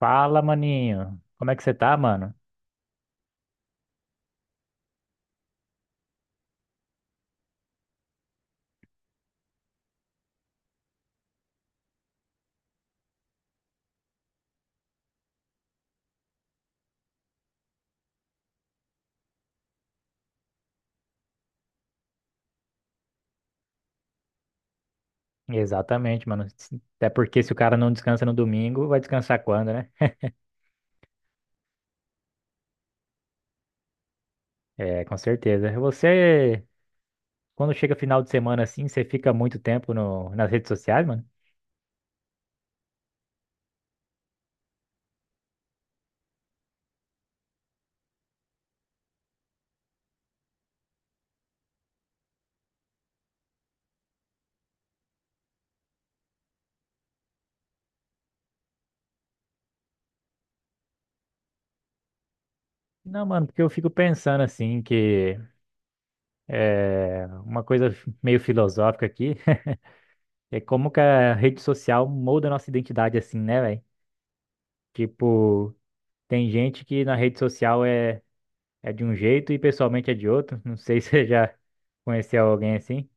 Fala, maninho. Como é que você tá, mano? Exatamente, mano. Até porque se o cara não descansa no domingo, vai descansar quando, né? É, com certeza. Você, quando chega final de semana assim, você fica muito tempo no, nas redes sociais, mano? Não, mano, porque eu fico pensando assim que é uma coisa meio filosófica aqui. É como que a rede social molda a nossa identidade assim, né, velho? Tipo, tem gente que na rede social é de um jeito e pessoalmente é de outro. Não sei se você já conheceu alguém assim.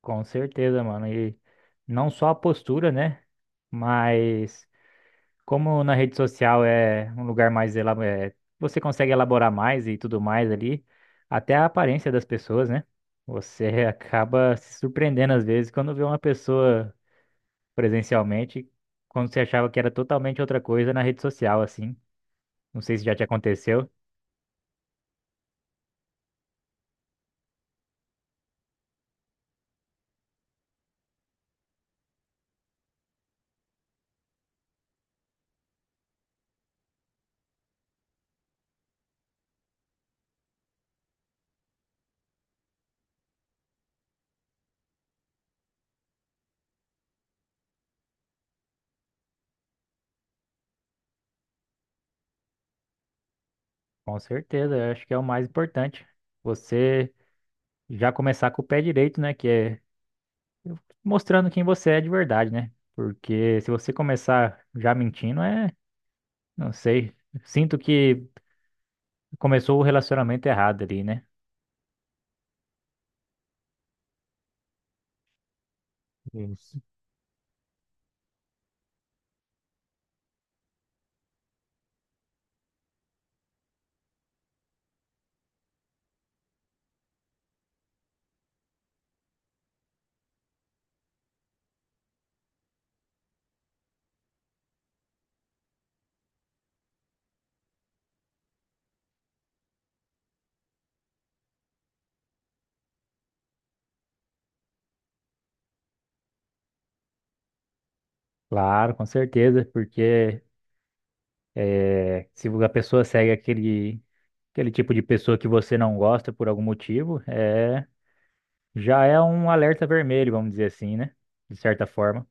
Com certeza, mano. E não só a postura, né? Mas como na rede social é um lugar mais você consegue elaborar mais e tudo mais ali, até a aparência das pessoas, né? Você acaba se surpreendendo às vezes quando vê uma pessoa presencialmente, quando você achava que era totalmente outra coisa na rede social, assim. Não sei se já te aconteceu. Com certeza, eu acho que é o mais importante. Você já começar com o pé direito, né? Que é mostrando quem você é de verdade, né? Porque se você começar já mentindo, não sei. Sinto que começou o relacionamento errado ali, né? Isso. Claro, com certeza, porque se a pessoa segue aquele tipo de pessoa que você não gosta por algum motivo, já é um alerta vermelho, vamos dizer assim, né? De certa forma.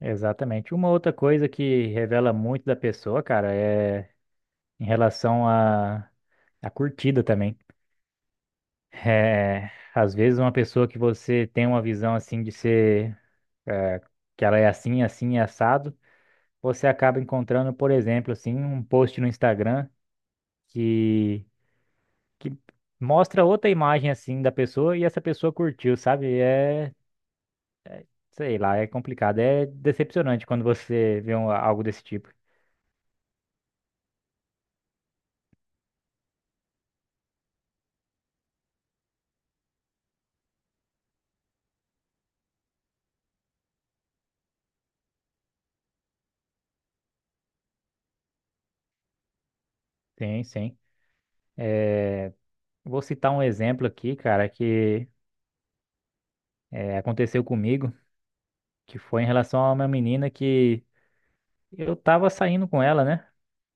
Exatamente. Uma outra coisa que revela muito da pessoa, cara, é em relação à curtida também. É, às vezes uma pessoa que você tem uma visão assim de ser é, que ela é assim, assim, é assado, você acaba encontrando, por exemplo, assim, um post no Instagram que, que mostra outra imagem assim da pessoa e essa pessoa curtiu, sabe? É, sei lá, é complicado, é decepcionante quando você vê algo desse tipo. Sim, sim. Vou citar um exemplo aqui, cara, que aconteceu comigo, que foi em relação a uma menina que eu tava saindo com ela, né?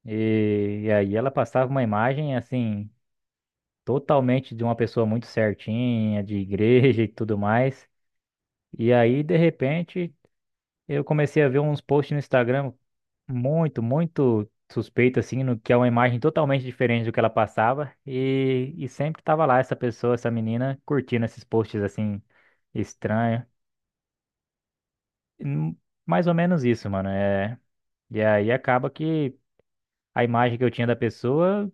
E aí ela passava uma imagem, assim, totalmente de uma pessoa muito certinha, de igreja e tudo mais. E aí, de repente, eu comecei a ver uns posts no Instagram muito, muito suspeito, assim, no que é uma imagem totalmente diferente do que ela passava. E sempre tava lá essa pessoa, essa menina, curtindo esses posts, assim, estranhos. Hum. Mais ou menos isso, mano. E aí acaba que a imagem que eu tinha da pessoa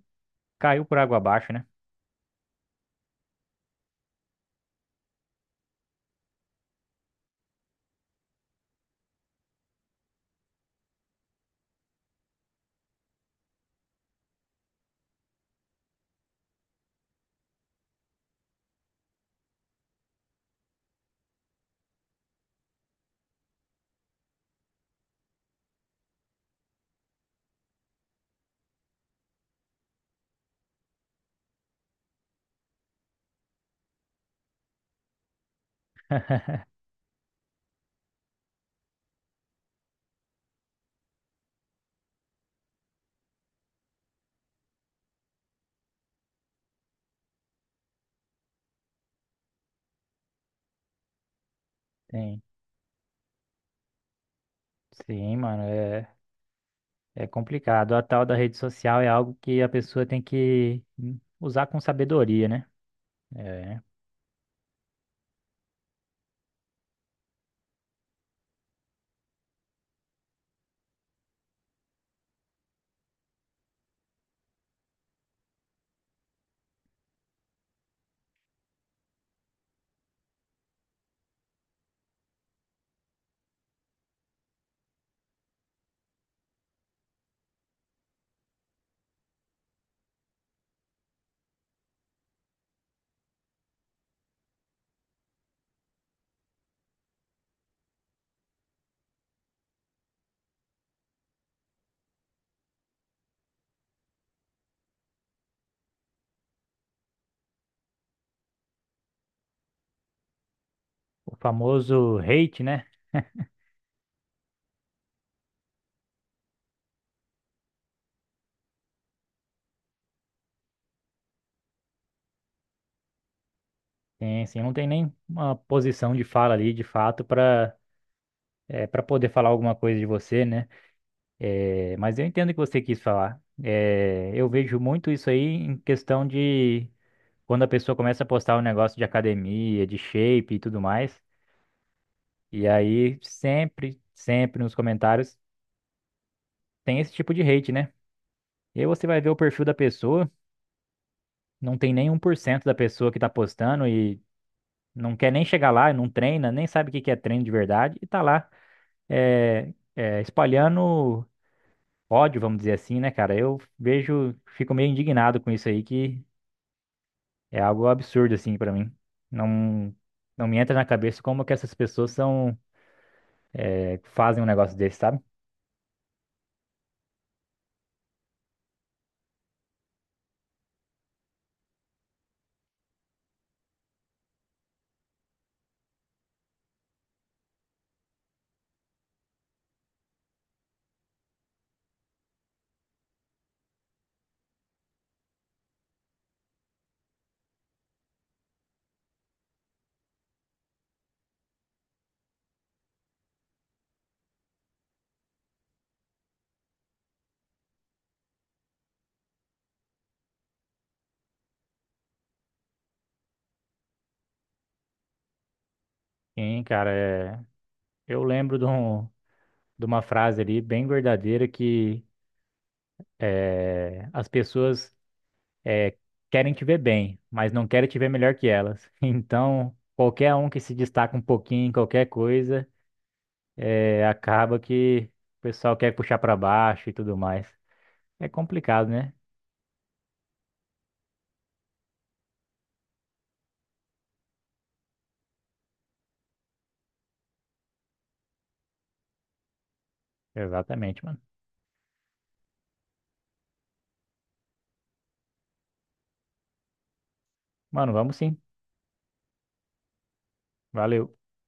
caiu por água abaixo, né? Tem sim, mano, é, complicado. A tal da rede social é algo que a pessoa tem que usar com sabedoria, né? É, o famoso hate, né? Sim, sim, não tem nem uma posição de fala ali, de fato, para poder falar alguma coisa de você, né? É, mas eu entendo o que você quis falar. É, eu vejo muito isso aí em questão de quando a pessoa começa a postar um negócio de academia, de shape e tudo mais, e aí sempre, sempre nos comentários tem esse tipo de hate, né? E aí você vai ver o perfil da pessoa, não tem nem 1% da pessoa que tá postando e não quer nem chegar lá, não treina, nem sabe o que que é treino de verdade e tá lá espalhando ódio, vamos dizer assim, né, cara? Eu vejo, fico meio indignado com isso aí, que é algo absurdo, assim, pra mim. Não, não me entra na cabeça como que essas pessoas são fazem um negócio desse, sabe? Sim, cara, eu lembro de uma frase ali bem verdadeira que as pessoas é, querem te ver bem, mas não querem te ver melhor que elas. Então, qualquer um que se destaca um pouquinho em qualquer coisa, acaba que o pessoal quer puxar pra baixo e tudo mais. É complicado, né? Exatamente, mano. Mano, vamos sim. Valeu.